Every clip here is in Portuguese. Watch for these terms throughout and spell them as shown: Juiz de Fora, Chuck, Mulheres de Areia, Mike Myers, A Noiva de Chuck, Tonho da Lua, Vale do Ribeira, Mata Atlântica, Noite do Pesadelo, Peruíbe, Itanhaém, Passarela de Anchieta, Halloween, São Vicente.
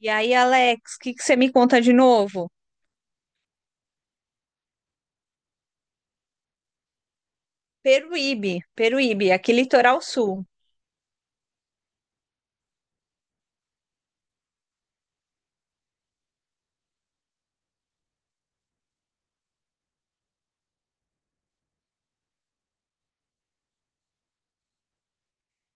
E aí, Alex, o que que você me conta de novo? Peruíbe, Peruíbe, aqui litoral sul.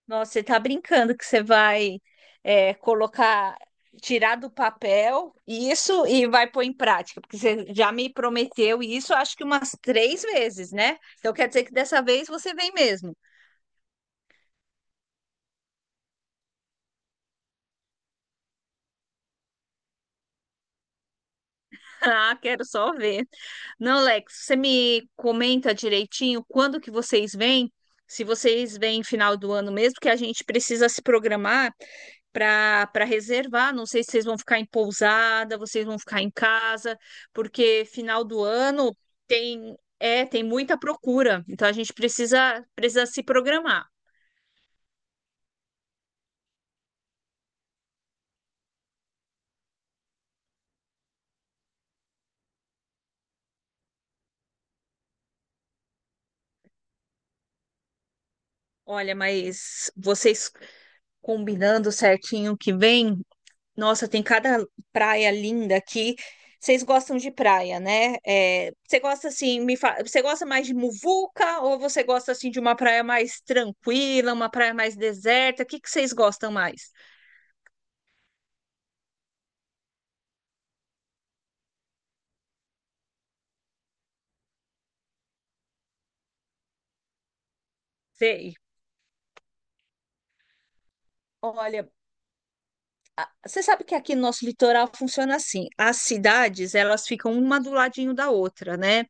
Nossa, você tá brincando que você vai colocar, tirar do papel isso e vai pôr em prática, porque você já me prometeu isso, acho que umas três vezes, né? Então quer dizer que dessa vez você vem mesmo. Ah, quero só ver. Não, Lex, você me comenta direitinho quando que vocês vêm? Se vocês vêm final do ano mesmo, que a gente precisa se programar para reservar. Não sei se vocês vão ficar em pousada, vocês vão ficar em casa, porque final do ano tem tem muita procura. Então a gente precisa se programar. Olha, mas vocês combinando certinho que vem, nossa, tem cada praia linda aqui. Vocês gostam de praia, né? É, você gosta assim, você gosta mais de muvuca ou você gosta assim de uma praia mais tranquila, uma praia mais deserta? O que que vocês gostam mais? Sei. Olha, você sabe que aqui no nosso litoral funciona assim. As cidades, elas ficam uma do ladinho da outra, né?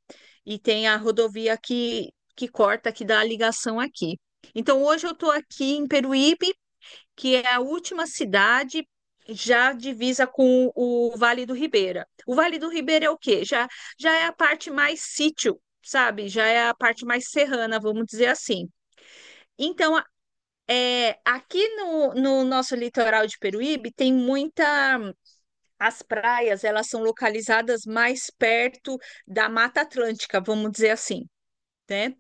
E tem a rodovia que corta, que dá a ligação aqui. Então, hoje eu estou aqui em Peruíbe, que é a última cidade já divisa com o Vale do Ribeira. O Vale do Ribeira é o quê? Já, já é a parte mais sítio, sabe? Já é a parte mais serrana, vamos dizer assim. Então, é, aqui no nosso litoral de Peruíbe tem muita. As praias, elas são localizadas mais perto da Mata Atlântica, vamos dizer assim, né?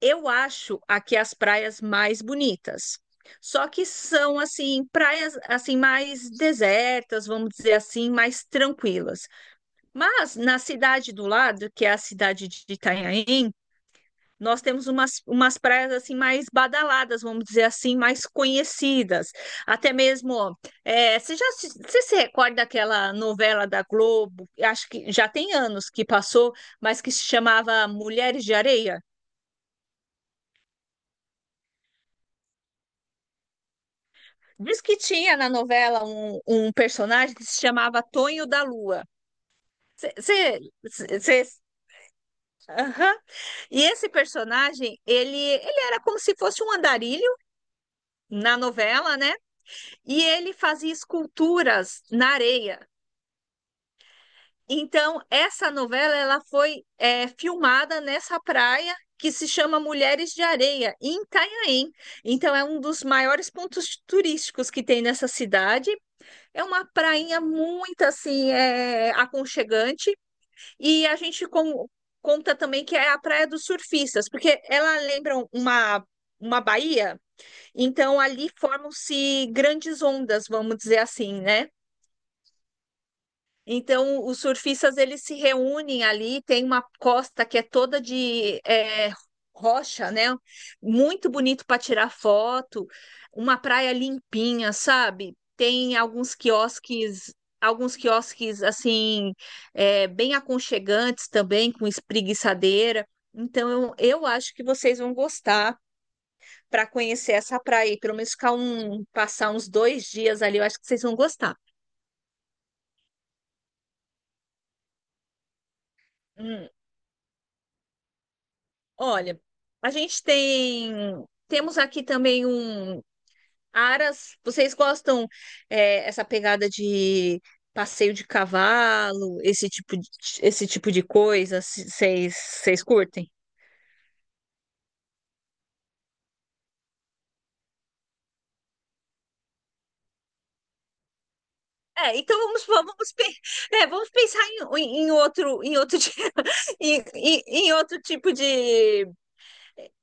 Eu acho aqui as praias mais bonitas. Só que são assim praias assim mais desertas, vamos dizer assim, mais tranquilas. Mas na cidade do lado, que é a cidade de Itanhaém, nós temos umas praias assim mais badaladas, vamos dizer assim, mais conhecidas. Até mesmo, ó, é, você se recorda daquela novela da Globo? Acho que já tem anos que passou, mas que se chamava Mulheres de Areia. Diz que tinha na novela um personagem que se chamava Tonho da Lua. Você. E esse personagem, ele era como se fosse um andarilho na novela, né? E ele fazia esculturas na areia. Então, essa novela ela foi é, filmada nessa praia que se chama Mulheres de Areia, em Itanhaém. Então, é um dos maiores pontos turísticos que tem nessa cidade. É uma prainha muito assim, é, aconchegante. E a gente conta também que é a praia dos surfistas, porque ela lembra uma baía, então ali formam-se grandes ondas, vamos dizer assim, né? Então, os surfistas eles se reúnem ali, tem uma costa que é toda de é, rocha, né? Muito bonito para tirar foto, uma praia limpinha, sabe? Tem alguns quiosques assim, é, bem aconchegantes também, com espreguiçadeira. Então, eu acho que vocês vão gostar para conhecer essa praia, e pelo menos passar uns dois dias ali, eu acho que vocês vão gostar. Hum. Olha, a gente tem. Temos aqui também um. Aras, vocês gostam é, essa pegada de passeio de cavalo, esse tipo de coisa? Vocês curtem? É, então vamos pensar em outro, em outro tipo de.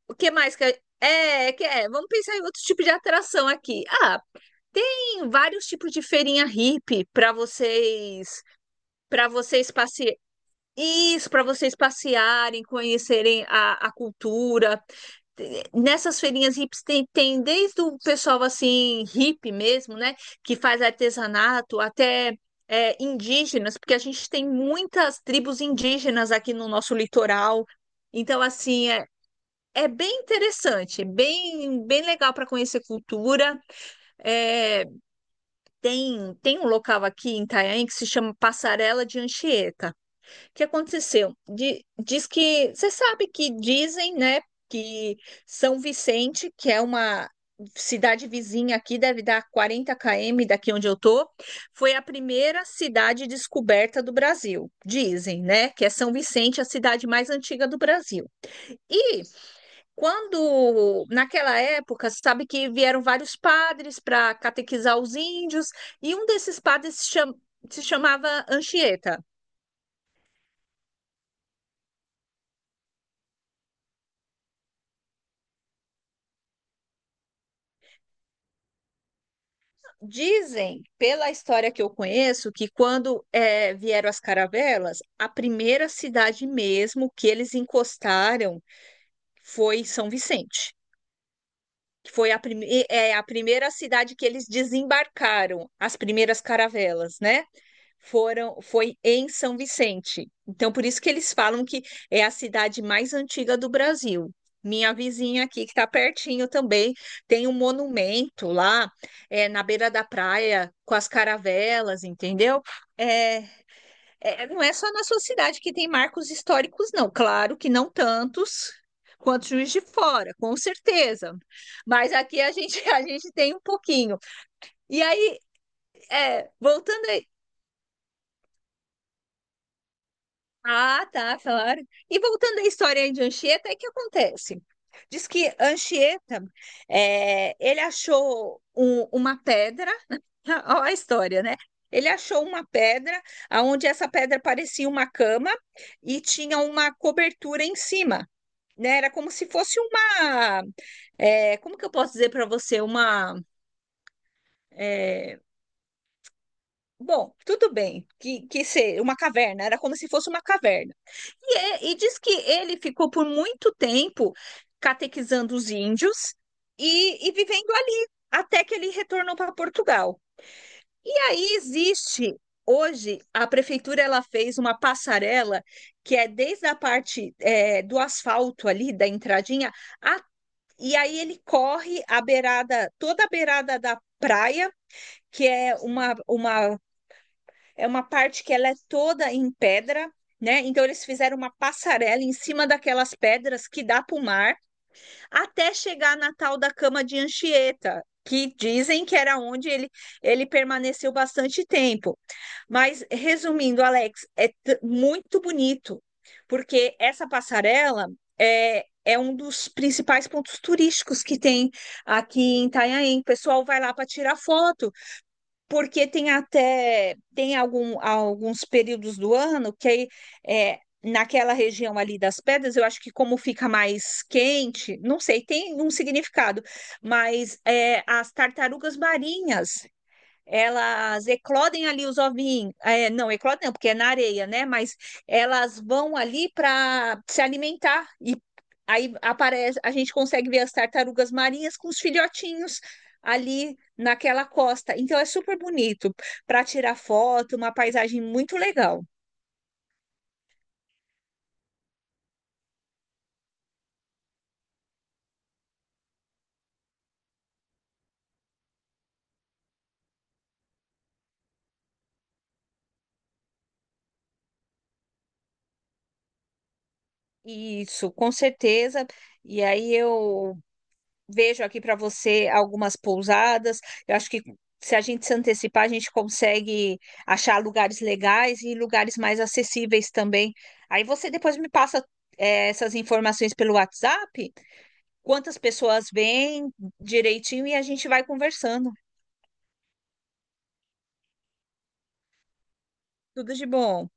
O que mais que é, é, que é? Vamos pensar em outro tipo de atração aqui. Ah, tem vários tipos de feirinha hippie para vocês passear. Isso, para vocês passearem, conhecerem a cultura. Nessas feirinhas hips tem desde o pessoal assim, hippie mesmo, né? Que faz artesanato, até é, indígenas, porque a gente tem muitas tribos indígenas aqui no nosso litoral. Então, assim, é, é bem interessante, bem, bem legal para conhecer cultura. É, tem um local aqui em Itanhaém que se chama Passarela de Anchieta. O que aconteceu? Diz que você sabe que dizem, né, que São Vicente, que é uma cidade vizinha aqui, deve dar 40 km daqui onde eu tô, foi a primeira cidade descoberta do Brasil. Dizem, né, que é São Vicente, a cidade mais antiga do Brasil. E quando naquela época, sabe que vieram vários padres para catequizar os índios, e um desses padres se chamava Anchieta. Dizem, pela história que eu conheço, que quando vieram as caravelas, a primeira cidade mesmo que eles encostaram foi São Vicente, que foi a primeira cidade que eles desembarcaram as primeiras caravelas, né? foram foi em São Vicente. Então, por isso que eles falam que é a cidade mais antiga do Brasil. Minha vizinha aqui, que está pertinho também, tem um monumento lá, é, na beira da praia, com as caravelas, entendeu? É, não é só na sua cidade que tem marcos históricos, não. Claro que não tantos quanto Juiz de Fora, com certeza. Mas aqui a gente, a gente tem um pouquinho. E aí, é, voltando ah, tá, claro. E voltando à história aí de Anchieta, aí o que acontece? Diz que Anchieta, é, uma pedra, olha a história, né? Ele achou uma pedra, aonde essa pedra parecia uma cama e tinha uma cobertura em cima, né? Era como se fosse uma, é, como que eu posso dizer para você, uma eh, Bom, tudo bem que ser uma caverna, era como se fosse uma caverna. E, e diz que ele ficou por muito tempo catequizando os índios e vivendo ali, até que ele retornou para Portugal. E aí existe, hoje, a prefeitura ela fez uma passarela que é desde a parte é, do asfalto ali, da entradinha, a- e aí ele corre a beirada, toda a beirada da praia, que é uma é uma parte que ela é toda em pedra, né? Então eles fizeram uma passarela em cima daquelas pedras que dá para o mar, até chegar na tal da cama de Anchieta, que dizem que era onde ele permaneceu bastante tempo. Mas resumindo, Alex, é muito bonito, porque essa passarela é um dos principais pontos turísticos que tem aqui em Itanhaém. O pessoal vai lá para tirar foto porque tem alguns períodos do ano que aí, é, naquela região ali das pedras, eu acho que como fica mais quente, não sei, tem um significado, mas é, as tartarugas marinhas elas eclodem ali os ovinhos, é, não, eclodem não, porque é na areia, né? Mas elas vão ali para se alimentar e aí aparece, a gente consegue ver as tartarugas marinhas com os filhotinhos ali naquela costa. Então é super bonito para tirar foto, uma paisagem muito legal. Isso, com certeza. E aí eu vejo aqui para você algumas pousadas. Eu acho que se a gente se antecipar, a gente consegue achar lugares legais e lugares mais acessíveis também. Aí você depois me passa, eh, essas informações pelo WhatsApp, quantas pessoas vêm direitinho e a gente vai conversando. Tudo de bom.